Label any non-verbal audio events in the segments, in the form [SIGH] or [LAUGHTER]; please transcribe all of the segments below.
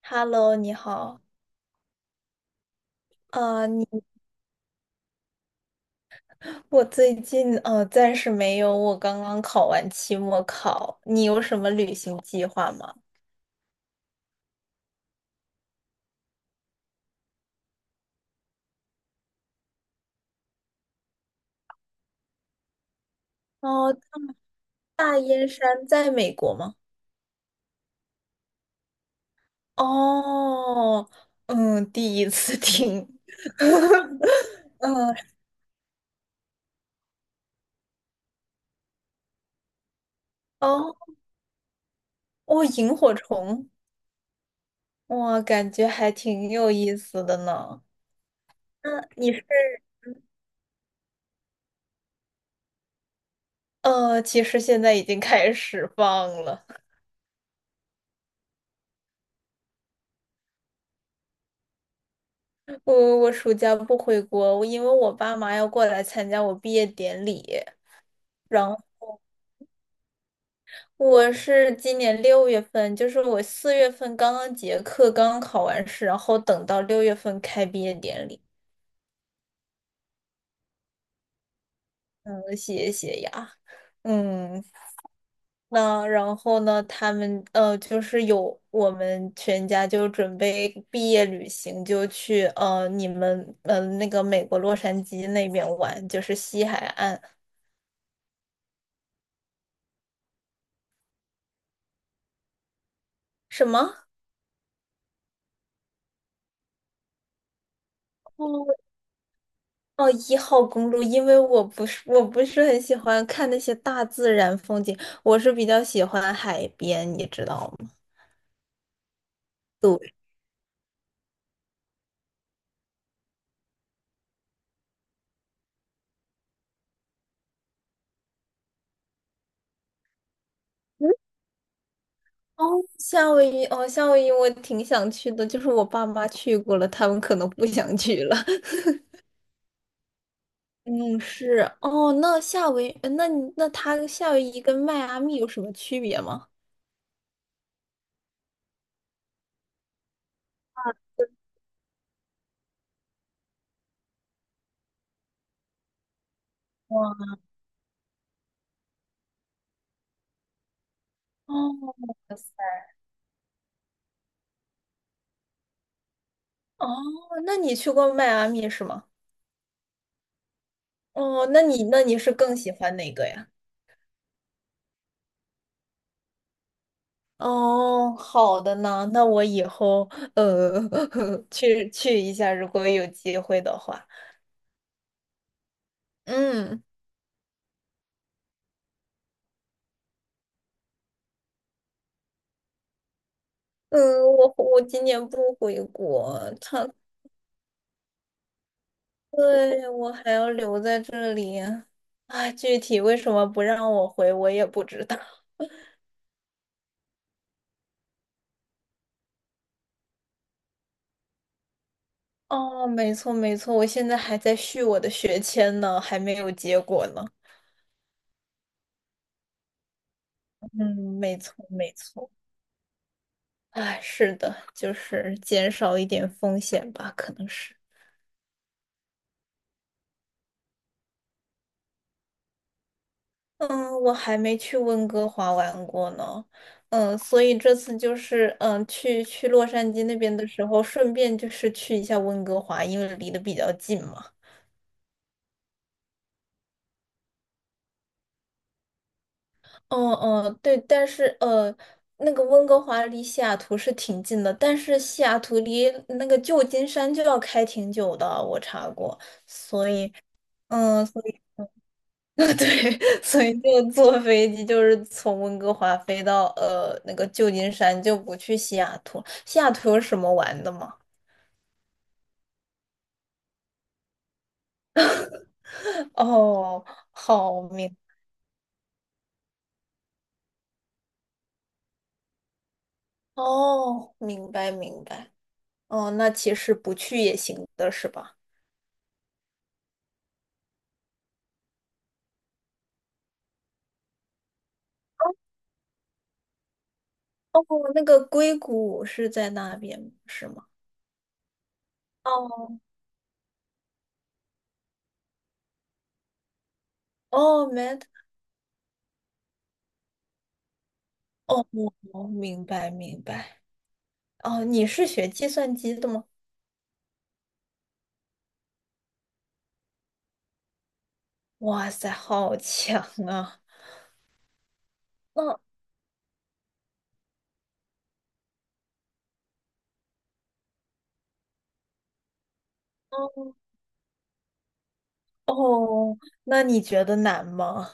Hello，你好。你我最近暂时没有，我刚刚考完期末考。你有什么旅行计划吗？哦，大燕山在美国吗？哦，嗯，第一次听。[LAUGHS] 嗯，哦，哦，萤火虫，哇，感觉还挺有意思的呢。那你是其实现在已经开始放了。我暑假不回国，我因为我爸妈要过来参加我毕业典礼，然后我是今年六月份，就是我4月份刚刚结课，刚刚考完试，然后等到六月份开毕业典礼，嗯，谢谢呀，嗯，那然后呢，他们就是有我们全家就准备毕业旅行，就去你们那个美国洛杉矶那边玩，就是西海岸，什么？哦，一号公路，因为我不是很喜欢看那些大自然风景，我是比较喜欢海边，你知道吗？嗯，哦，夏威夷，哦，夏威夷我挺想去的，就是我爸妈去过了，他们可能不想去了。[LAUGHS] 嗯，是，哦，那那它夏威夷跟迈阿密有什么区别吗？哦，哦，那你去过迈阿密是吗？哦，那你是更喜欢哪个呀？哦，好的呢，那我以后呃 [LAUGHS] 去一下，如果有机会的话。嗯嗯，我今年不回国，他对我还要留在这里。啊，具体为什么不让我回，我也不知道。哦，没错没错，我现在还在续我的学签呢，还没有结果呢。嗯，没错没错。哎，是的，就是减少一点风险吧，可能是。嗯，我还没去温哥华玩过呢，嗯，所以这次就是嗯，去洛杉矶那边的时候，顺便就是去一下温哥华，因为离得比较近嘛。嗯嗯，对，但是那个温哥华离西雅图是挺近的，但是西雅图离那个旧金山就要开挺久的，我查过。嗯，所以 [LAUGHS] 对，所以就坐飞机，就是从温哥华飞到那个旧金山，就不去西雅图。西雅图有什么玩的吗？哦，好明，哦，明白明白。哦，那其实不去也行的是吧？哦，那个硅谷是在那边是吗？哦哦 哦，哦明白明白。哦，你是学计算机的吗？哇塞，好强啊！那哦哦，那你觉得难吗？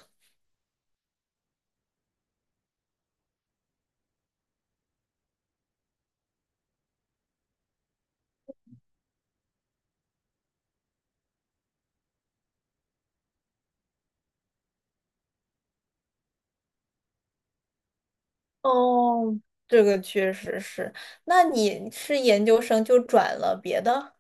哦，这个确实是。那你是研究生就转了别的？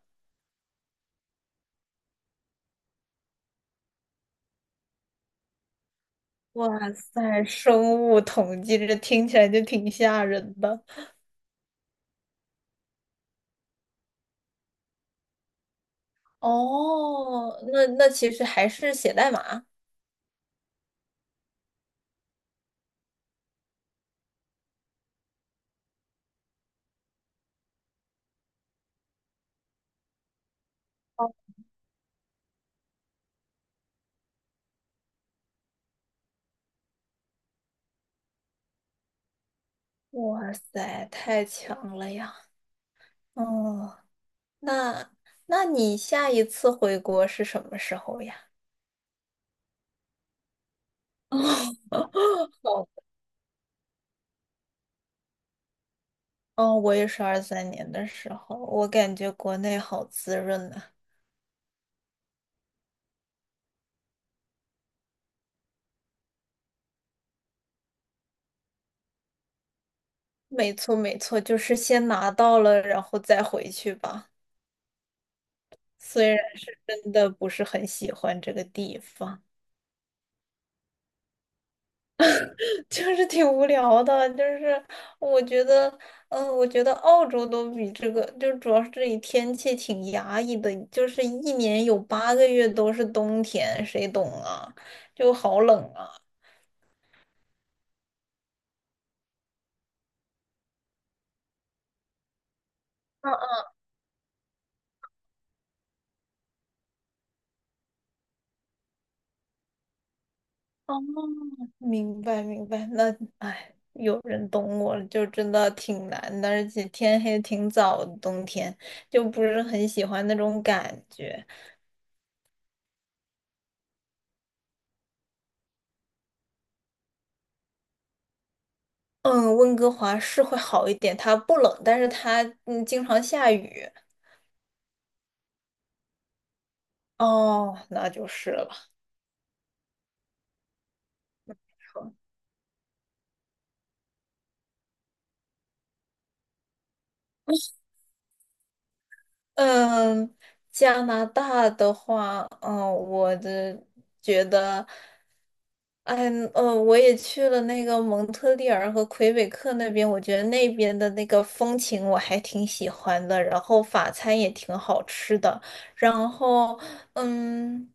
哇塞，生物统计这听起来就挺吓人的。哦，那那其实还是写代码。哇塞，太强了呀！哦，那那你下一次回国是什么时候呀？[LAUGHS] 哦，哦，我也是23年的时候，我感觉国内好滋润啊。没错，没错，就是先拿到了，然后再回去吧。虽然是真的不是很喜欢这个地方。就是挺无聊的，就是我觉得，我觉得澳洲都比这个，就主要是这里天气挺压抑的，就是一年有8个月都是冬天，谁懂啊？就好冷啊！啊啊哦，明白明白，那哎，有人懂我了就真的挺难的，而且天黑挺早的，冬天就不是很喜欢那种感觉。嗯，温哥华是会好一点，它不冷，但是它经常下雨。哦，那就是了。嗯，加拿大的话，嗯，我的觉得，哎，我也去了那个蒙特利尔和魁北克那边，我觉得那边的那个风情我还挺喜欢的，然后法餐也挺好吃的，然后，嗯，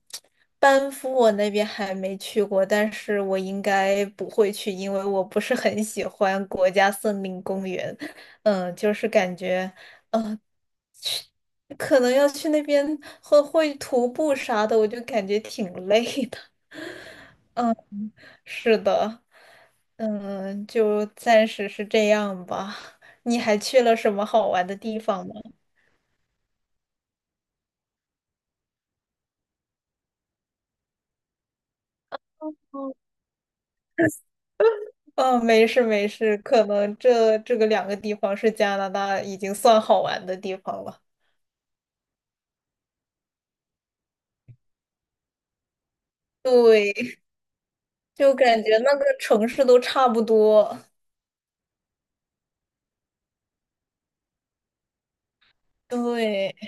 班夫我那边还没去过，但是我应该不会去，因为我不是很喜欢国家森林公园。嗯，就是感觉。可能要去那边会徒步啥的，我就感觉挺累的。[LAUGHS] 是的，嗯，就暂时是这样吧。你还去了什么好玩的地方吗？哦 [LAUGHS] 哦没事没事，可能这个2个地方是加拿大已经算好玩的地方了。对，就感觉那个城市都差不多。对，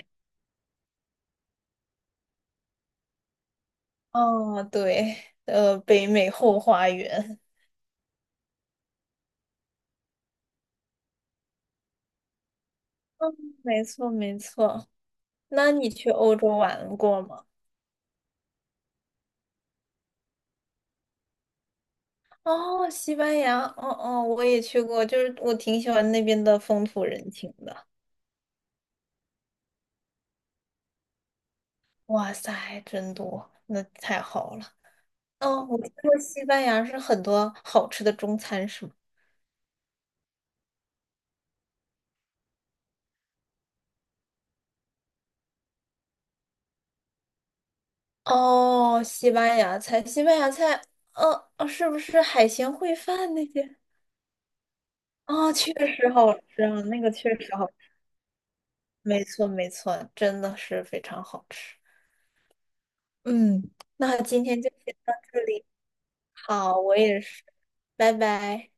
哦，对，北美后花园，没错没错。那你去欧洲玩过吗？哦，西班牙，哦哦，我也去过，就是我挺喜欢那边的风土人情的。哇塞，真多，那太好了。哦，我听说西班牙是很多好吃的中餐，是吗？哦，西班牙菜，西班牙菜，是不是海鲜烩饭那些？哦，确实好吃啊，那个确实好吃，没错没错，真的是非常好吃。嗯，那今天就先到这里。好，我也是，拜拜。